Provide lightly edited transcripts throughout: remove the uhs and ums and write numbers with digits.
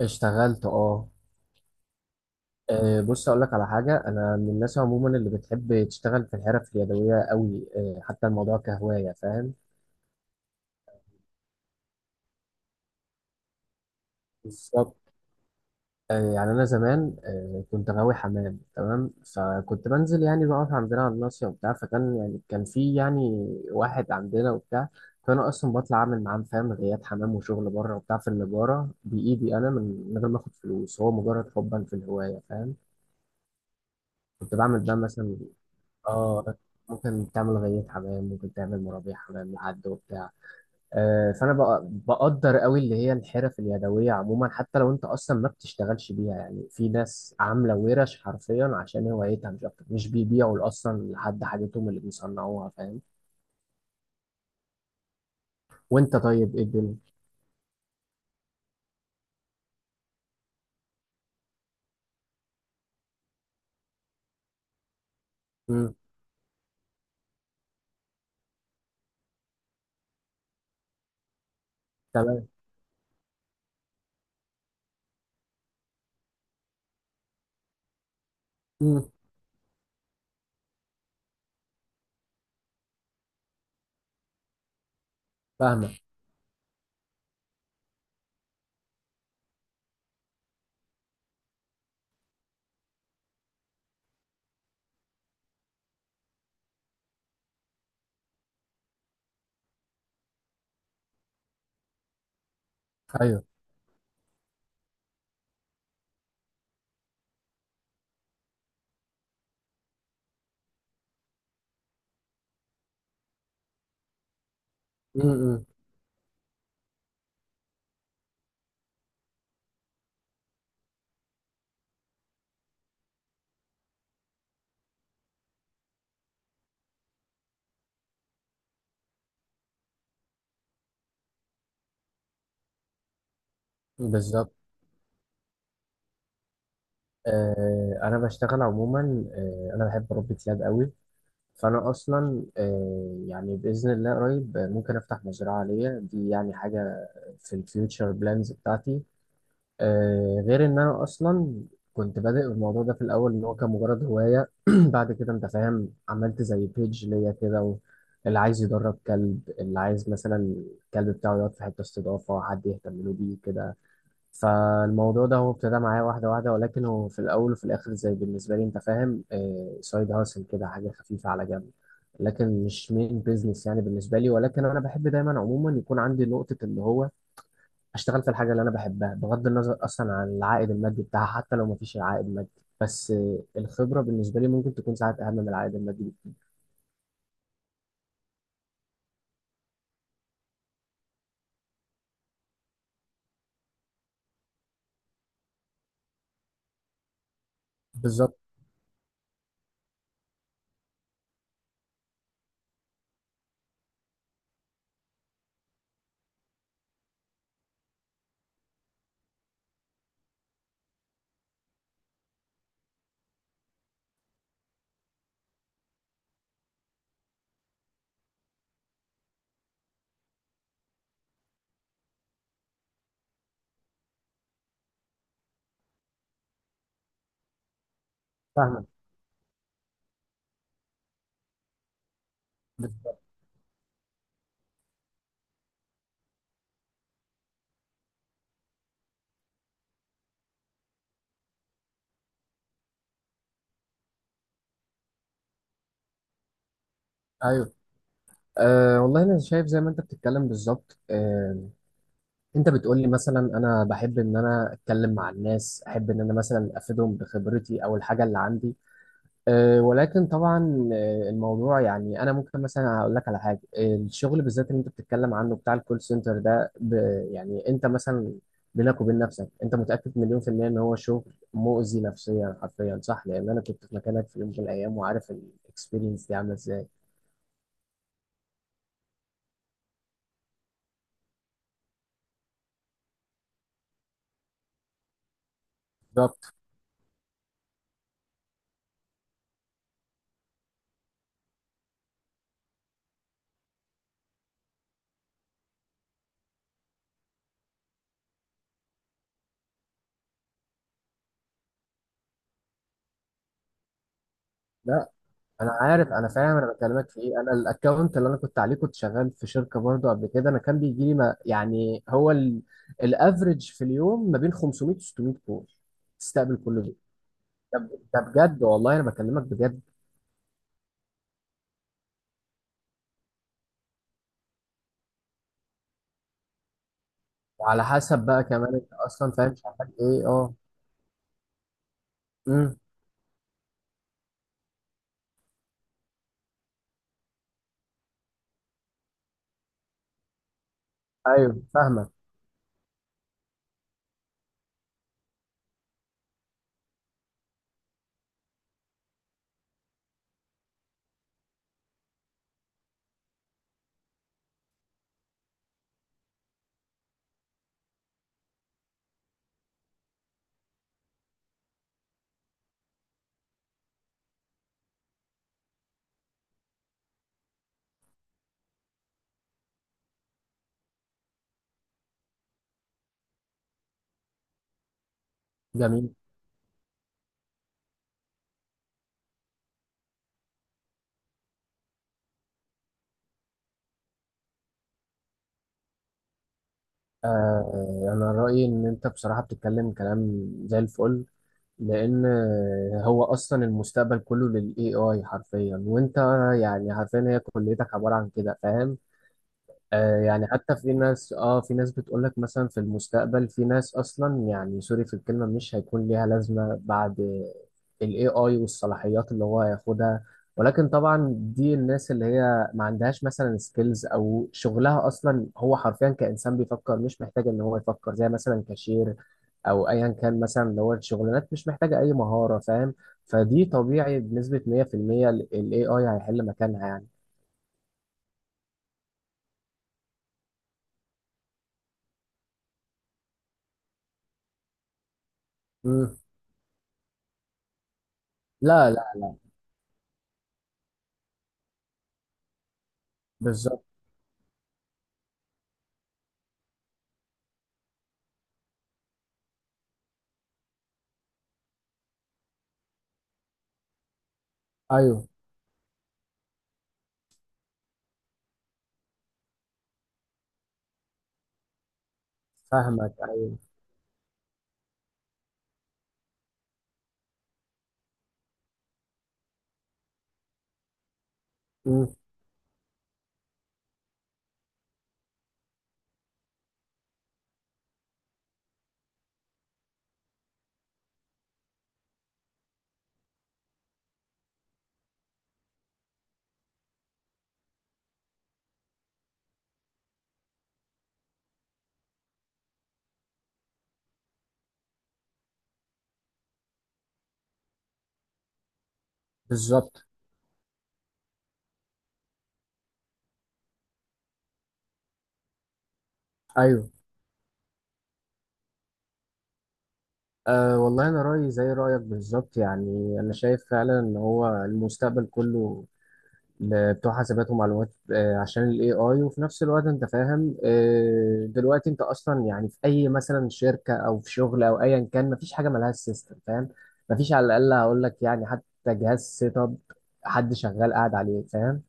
اشتغلت اه. بص اقول لك على حاجه. انا من الناس عموما اللي بتحب تشتغل في الحرف اليدويه قوي، حتى الموضوع كهوايه، فاهم؟ بالظبط. يعني انا زمان كنت غاوي حمام، تمام؟ فكنت بنزل، يعني بقف عندنا على الناصيه وبتاع، فكان يعني كان في يعني واحد عندنا وبتاع. فانا اصلا بطلع اعمل معاه، فاهم؟ غيات حمام وشغل بره وبتاع في النجاره بايدي انا، من غير ما اخد فلوس، هو مجرد حبا في الهوايه، فاهم؟ كنت بعمل بقى مثلا اه ممكن تعمل غية حمام، ممكن تعمل مرابيع حمام لحد وبتاع. آه، بقدر قوي اللي هي الحرف اليدويه عموما، حتى لو انت اصلا ما بتشتغلش بيها. يعني في ناس عامله ورش حرفيا عشان هوايتها مش اكتر، مش بيبيعوا اصلا لحد حاجتهم اللي بيصنعوها، فاهم؟ وانت طيب ايه الدنيا؟ امم. تمام. امم. فاهمه. ايوه. امم. بالظبط. آه، انا بشتغل عموما، آه انا بحب اربي كلاب قوي. فانا اصلا يعني باذن الله قريب ممكن افتح مزرعه ليا، دي يعني حاجه في الفيوتشر بلانز بتاعتي. غير ان انا اصلا كنت بادئ الموضوع ده في الاول، ان هو كان مجرد هوايه. بعد كده، انت فاهم، عملت زي بيج ليا كده، اللي عايز يدرب كلب، اللي عايز مثلا الكلب بتاعه يقعد في حته استضافه، حد يهتم له بيه كده. فالموضوع ده هو ابتدى معايا واحدة واحدة، ولكن هو في الأول وفي الآخر زي بالنسبة لي، أنت فاهم، سايد هاسل كده، حاجة خفيفة على جنب، لكن مش مين بيزنس يعني بالنسبة لي. ولكن أنا بحب دايما عموما يكون عندي نقطة اللي هو أشتغل في الحاجة اللي أنا بحبها، بغض النظر أصلا عن العائد المادي بتاعها. حتى لو مفيش عائد مادي، بس الخبرة بالنسبة لي ممكن تكون ساعات أهم من العائد المادي بكتير. بالظبط. فاهمك. بالظبط. أيوه. أه والله أنا شايف زي ما أنت بتتكلم بالظبط. أه، انت بتقولي مثلا انا بحب ان انا اتكلم مع الناس، احب ان انا مثلا افيدهم بخبرتي او الحاجه اللي عندي. أه، ولكن طبعا الموضوع يعني انا ممكن مثلا اقول لك على حاجه. الشغل بالذات اللي انت بتتكلم عنه بتاع الكول سنتر ده ب، يعني انت مثلا بينك وبين نفسك، انت متاكد مليون في الميه ان هو شغل مؤذي نفسيا حرفيا، صح؟ لان انا كنت في مكانك في يوم من الايام، وعارف الاكسبيرينس دي عامله ازاي. بالظبط. لا، انا عارف، انا فاهم، انا بكلمك في ايه. انا الاكونت اللي انا كنت عليه، كنت شغال في شركه برضه قبل كده، انا كان بيجي لي، ما يعني، هو الافريج في اليوم ما بين 500 و 600 كول، تستقبل كل دول. ده، ده بجد، والله انا بكلمك بجد. وعلى حسب بقى كمان انت اصلا فاهم شغال ايه. اه. امم. ايوه فاهمك. جميل. آه، انا رايي ان انت بصراحه بتتكلم كلام زي الفل. لان هو اصلا المستقبل كله للاي اي حرفيا، وانت يعني عارفين هي كليتك عباره عن كده، فاهم؟ آه يعني حتى في ناس، اه في ناس بتقول لك مثلا في المستقبل في ناس اصلا يعني، سوري في الكلمه، مش هيكون ليها لازمه بعد ال AI والصلاحيات اللي هو هياخدها. ولكن طبعا دي الناس اللي هي ما عندهاش مثلا سكيلز، او شغلها اصلا هو حرفيا كانسان بيفكر، مش محتاج ان هو يفكر، زي مثلا كاشير او ايا كان مثلا، اللي هو الشغلانات مش محتاجه اي مهاره، فاهم؟ فدي طبيعي بنسبه 100% ال AI هيحل مكانها يعني. مم. لا، لا، لا. بالظبط. ايوه فاهمك. ايوه. مم. بالظبط. ايوه. أه والله انا رايي زي رايك بالظبط. يعني انا شايف فعلا ان هو المستقبل كله بتوع حاسبات ومعلومات. أه، عشان الاي اي، وفي نفس الوقت انت فاهم، أه دلوقتي انت اصلا، يعني في اي مثلا شركه او في شغل او ايا كان، مفيش حاجه ملهاش سيستم، فاهم؟ مفيش. على الاقل هقول لك يعني حتى جهاز سيت اب حد شغال قاعد عليه، فاهم؟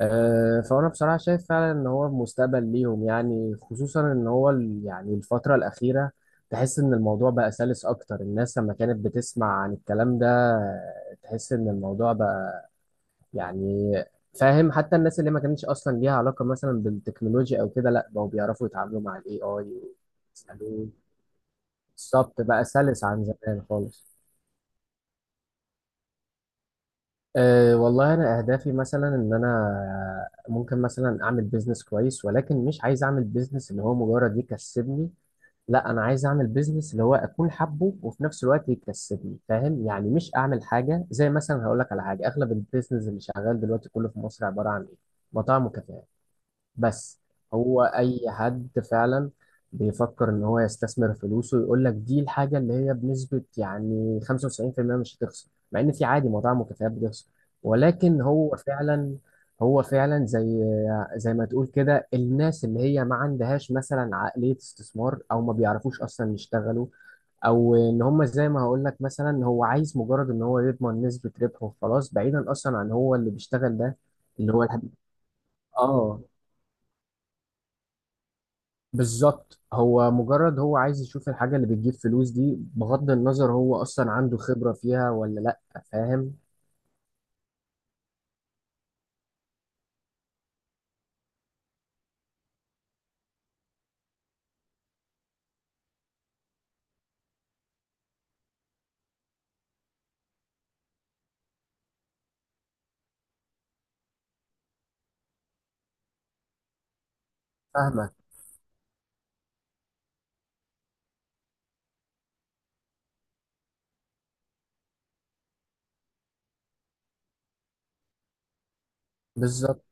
فأنا بصراحة شايف فعلا إن هو مستقبل ليهم، يعني خصوصا إن هو، يعني الفترة الأخيرة تحس إن الموضوع بقى سلس أكتر. الناس لما كانت بتسمع عن الكلام ده، تحس إن الموضوع بقى، يعني، فاهم، حتى الناس اللي ما كانتش أصلا ليها علاقة مثلا بالتكنولوجيا أو كده، لأ، بقوا بيعرفوا يتعاملوا مع ال AI ويسألوه. بالظبط، بقى سلس عن زمان خالص. أه والله أنا أهدافي مثلا إن أنا ممكن مثلا أعمل بيزنس كويس، ولكن مش عايز أعمل بيزنس اللي هو مجرد يكسبني. لا، أنا عايز أعمل بيزنس اللي هو أكون حابه وفي نفس الوقت يكسبني، فاهم؟ يعني مش أعمل حاجة زي مثلا، هقول لك على حاجة، أغلب البيزنس اللي شغال دلوقتي كله في مصر عبارة عن إيه؟ مطاعم وكافيهات بس. هو اي حد فعلا بيفكر ان هو يستثمر فلوسه يقول لك دي الحاجه اللي هي بنسبه يعني 95% مش هتخسر، مع ان في عادي مواضيع مكافآت بتخسر. ولكن هو فعلا، هو فعلا زي، زي ما تقول كده، الناس اللي هي ما عندهاش مثلا عقليه استثمار، او ما بيعرفوش اصلا يشتغلوا، او ان هم زي ما هقول لك مثلا، هو عايز مجرد ان هو يضمن نسبه ربحه وخلاص، بعيدا اصلا عن هو اللي بيشتغل ده اللي هو الحد... اه بالظبط. هو مجرد هو عايز يشوف الحاجة اللي بتجيب فلوس دي، بغض النظر هو أصلا عنده خبرة فيها ولا لأ، فاهم؟ فاهمك. بالظبط.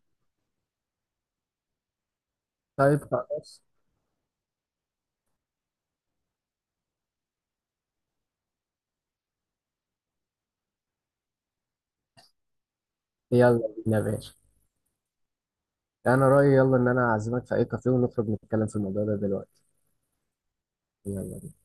طيب خلاص. يلا بينا يا باشا. أنا رأيي، يلا، إن أنا أعزمك في أي كافيه ونخرج نتكلم في الموضوع ده دلوقتي. يلا.